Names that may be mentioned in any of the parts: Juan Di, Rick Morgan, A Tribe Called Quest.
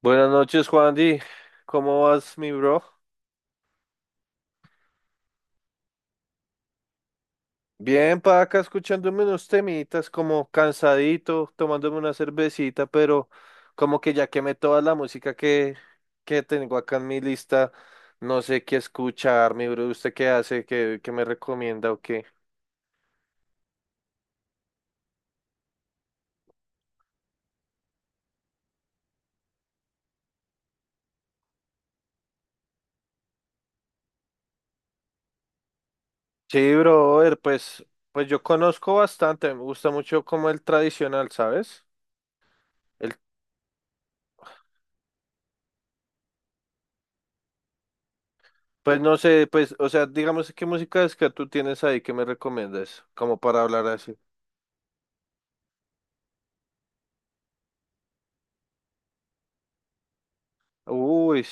Buenas noches, Juan Di. ¿Cómo vas, mi bro? Bien, pa' acá escuchándome unos temitas, como cansadito, tomándome una cervecita, pero como que ya quemé toda la música que tengo acá en mi lista, no sé qué escuchar, mi bro. ¿Usted qué hace? ¿Qué me recomienda o qué? Sí, brother, pues yo conozco bastante, me gusta mucho como el tradicional, ¿sabes? El, pues no sé, pues, o sea, digamos qué música es que tú tienes ahí que me recomiendas, como para hablar así. Uy,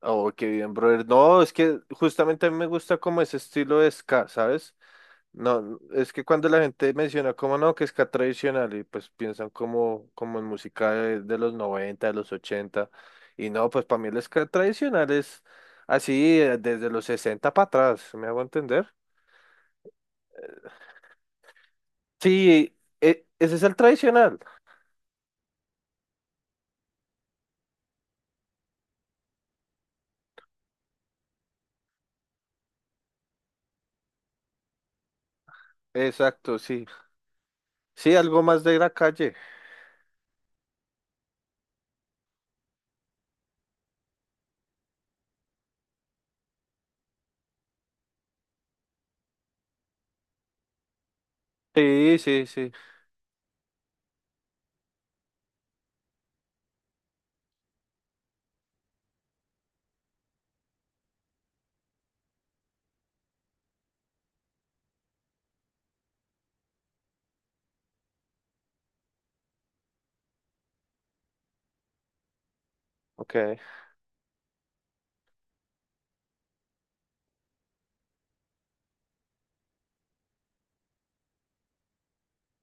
oh, qué bien, brother. No, es que justamente a mí me gusta como ese estilo de ska, ¿sabes? No, es que cuando la gente menciona como no, que ska tradicional y pues piensan como, como en música de los 90, de los 80 y no, pues para mí el ska tradicional es así desde los 60 para atrás, ¿sí? ¿Me hago entender? Sí, ese es el tradicional. Exacto, sí. Sí, algo más de la calle. Sí, sí, sí. Ok.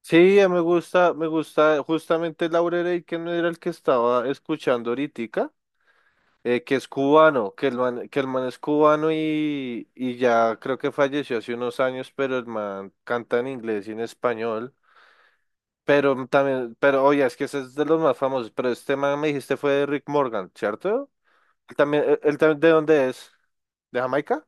Sí, me gusta justamente Laurel que no era el que estaba escuchando ahorita, que es cubano, que el man es cubano y ya creo que falleció hace unos años, pero el man canta en inglés y en español. Pero también, pero oye, es que ese es de los más famosos, pero este man me dijiste fue de Rick Morgan, ¿cierto? Él también, él también, ¿de dónde es? ¿De Jamaica?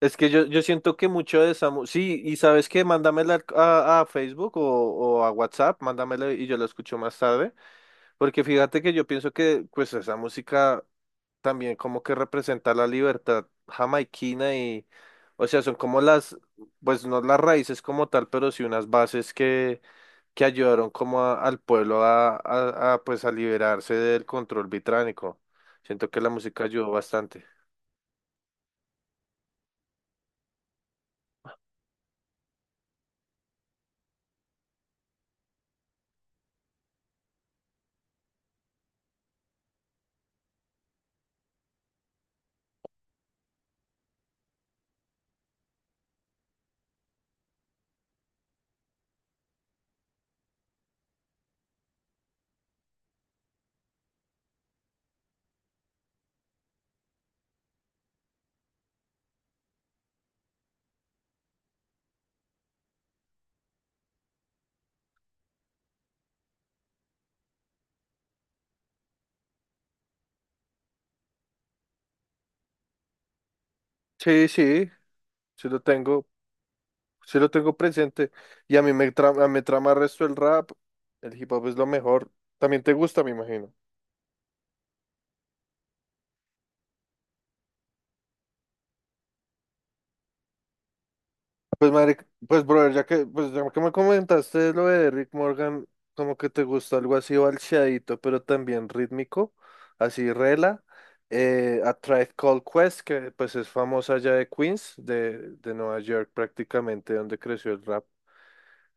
Es que yo siento que mucho de esa... mu- Sí, y ¿sabes qué? Mándamela al- a Facebook o a WhatsApp, mándamela y yo la escucho más tarde, porque fíjate que yo pienso que pues esa música también como que representa la libertad jamaiquina y, o sea, son como las, pues no las raíces como tal, pero sí unas bases que ayudaron como a- al pueblo a, pues a liberarse del control británico. Siento que la música ayudó bastante. Sí, sí, sí lo tengo. Sí lo tengo presente. Y a mí me trama el resto el rap. El hip hop es lo mejor. También te gusta, me imagino. Pues, madre, pues, brother, ya que, pues, ya que me comentaste lo de Rick Morgan, como que te gusta algo así balcheadito, pero también rítmico, así rela. A Tribe Called Quest, que pues es famosa allá de Queens, de Nueva York prácticamente, donde creció el rap.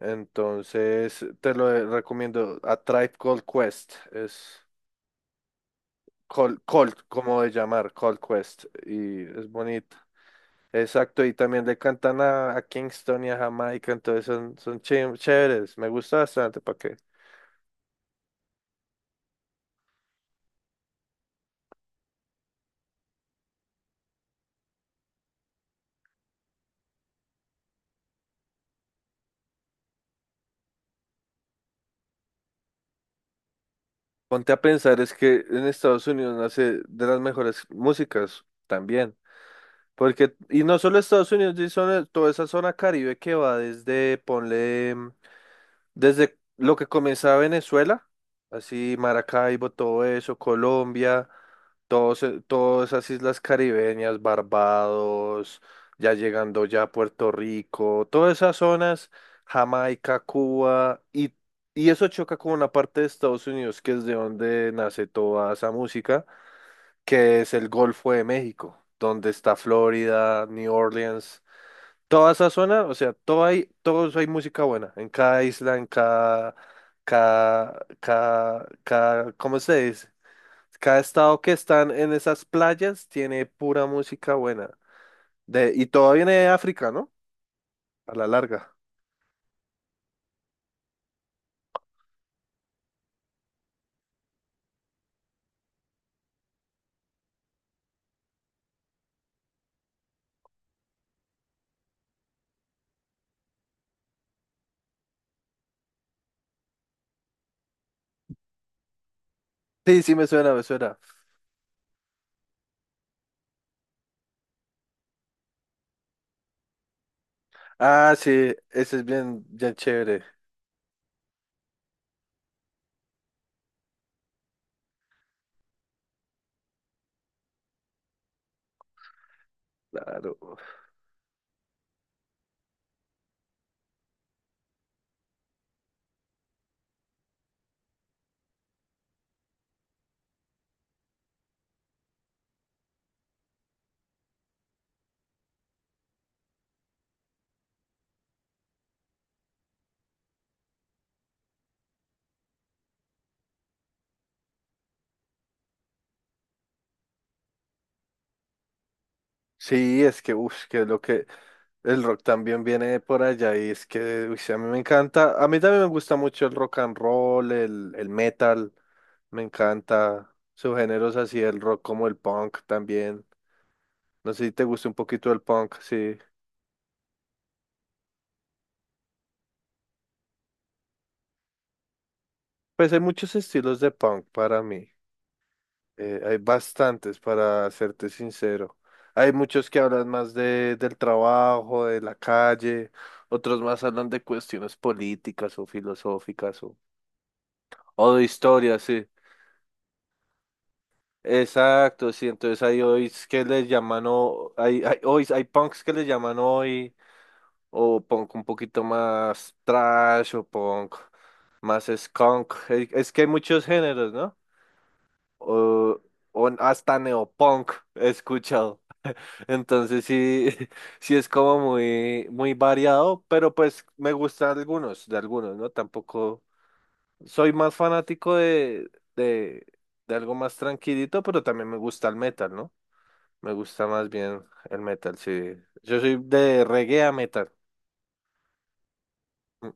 Entonces, te lo recomiendo, A Tribe Called Quest, es... Cold, Cold, como de llamar, Cold Quest, y es bonita. Exacto, y también le cantan a Kingston y a Jamaica, entonces son, son ché- chéveres, me gusta bastante, ¿para qué? Ponte a pensar, es que en Estados Unidos nace de las mejores músicas también, porque, y no solo Estados Unidos, sí, son- toda esa zona Caribe que va desde, ponle... Desde lo que comenzaba Venezuela, así Maracaibo, todo eso, Colombia, todos, e- todas esas islas caribeñas, Barbados, ya llegando ya a Puerto Rico, todas esas zonas, Jamaica, Cuba, y eso choca con una parte de Estados Unidos, que es de donde nace toda esa música, que es el Golfo de México, donde está Florida, New Orleans. Toda esa zona, o sea, todo hay, todos hay música buena, en cada isla, en cada, cada, cada, cada, ¿cómo se dice? Cada estado que están en esas playas tiene pura música buena. De, y todo viene de África, ¿no? A la larga. Sí, sí, me suena, me suena. Ah, sí, ese es bien, bien chévere. Claro. Sí, es que, uff, que es lo que el rock también viene de por allá y es que, uy, sí, a mí me encanta, a mí también me gusta mucho el rock and roll, el metal. Me encanta subgéneros así, el rock como el punk también. No sé si te gusta un poquito el punk, sí. Pues hay muchos estilos de punk para mí. Hay bastantes, para serte sincero. Hay muchos que hablan más de, del trabajo, de la calle, otros más hablan de cuestiones políticas o filosóficas o de historia, sí. Exacto, sí. Entonces hay hoy que les llaman, o, hay, hoy, hay punks que les llaman hoy o punk un poquito más trash o punk más skunk. Es que hay muchos géneros, ¿no? O, o hasta neopunk he escuchado. Entonces sí, sí es como muy, muy variado, pero pues me gustan algunos, de algunos, ¿no? Tampoco soy más fanático de, de algo más tranquilito, pero también me gusta el metal, ¿no? Me gusta más bien el metal, sí. Yo soy de reggae a metal. Mm.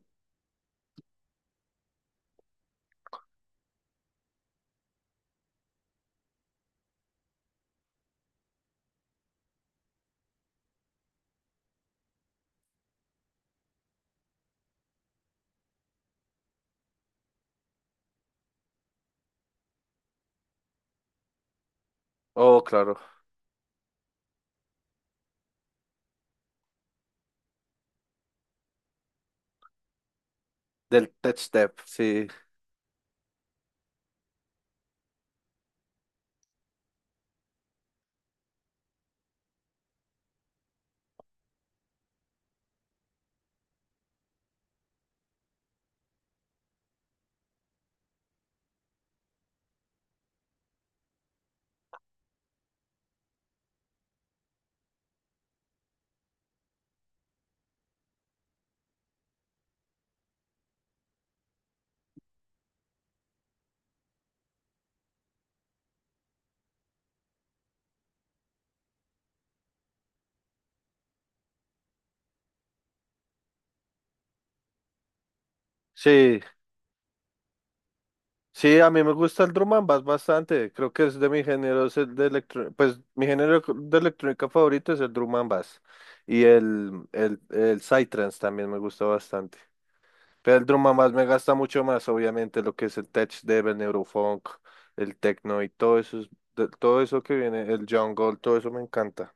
Oh, claro. Del tech step, sí. Sí, sí, a mí me gusta el drum and bass bastante. Creo que es de mi género es el de electro, pues mi género de electrónica favorito es el drum and bass y el psytrance también me gusta bastante. Pero el Eldrum más me gasta mucho más, obviamente, lo que es el tech dev, el neurofunk, el techno y todo eso, es- de- todo eso que viene, el jungle, todo eso me encanta.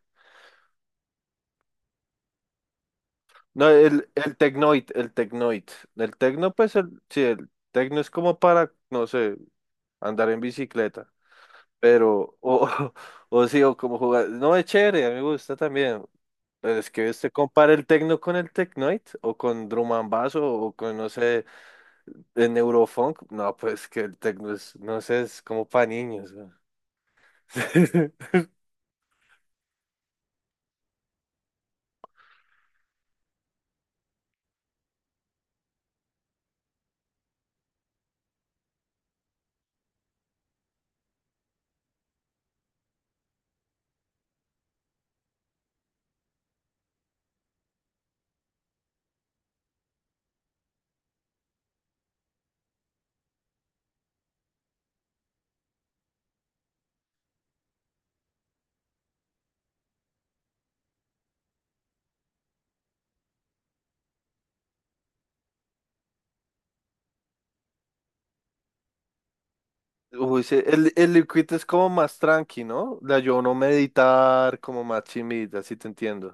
No, el technoid, el technoid. El techno, pues, el, sí, el techno es como para, no sé, andar en bicicleta, pero, o, o, sí, o como jugar. No, es chévere, a mí me gusta también. Pero es que usted compara el techno con el technoid, o con drum and bass, o con, no sé. En Eurofunk, no, pues que el techno es, no sé, es como para niños. ¿No? Uy, sí, el liquid es como más tranqui, ¿no? La yo no meditar, como más chimita, así te entiendo.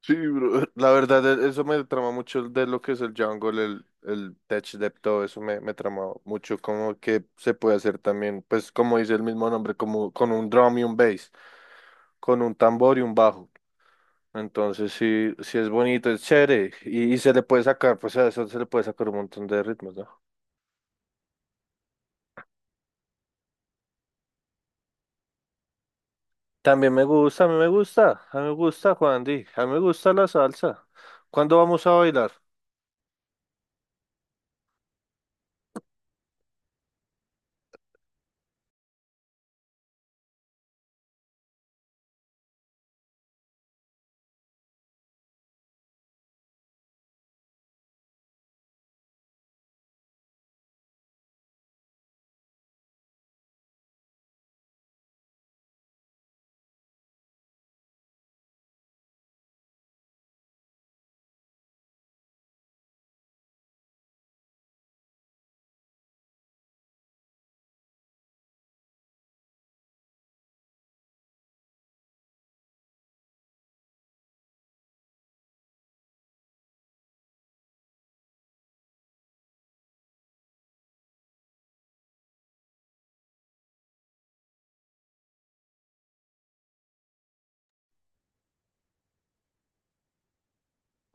Sí, bro. La verdad, e- eso me trama mucho de lo que es el jungle, el tech dev, todo eso me, me trama mucho, como que se puede hacer también, pues como dice el mismo nombre, como con un drum y un bass, con un tambor y un bajo. Entonces sí, sí es bonito, es chévere. Y se le puede sacar, pues a eso se le puede sacar un montón de ritmos, ¿no? También me gusta, a mí me gusta, a mí me gusta, Juan Di, a mí me gusta la salsa. ¿Cuándo vamos a bailar?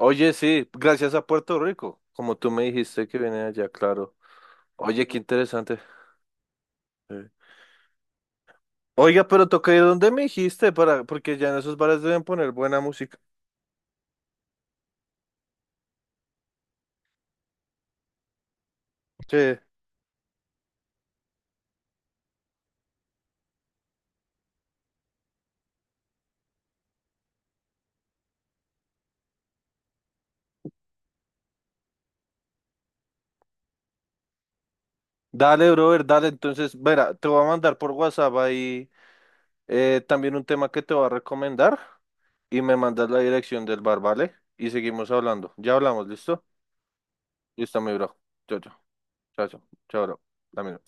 Oye, sí, gracias a Puerto Rico, como tú me dijiste que viene allá, claro. Oye, qué interesante. Sí. Oiga, pero toca ir donde me dijiste, para, porque ya en esos bares deben poner buena música. Sí. Dale, brother, dale. Entonces, verá, te voy a mandar por WhatsApp ahí también un tema que te voy a recomendar. Y me mandas la dirección del bar, ¿vale? Y seguimos hablando. Ya hablamos, ¿listo? Listo, mi bro. Chao, chao. Chao, chao. Chao, bro. Dame.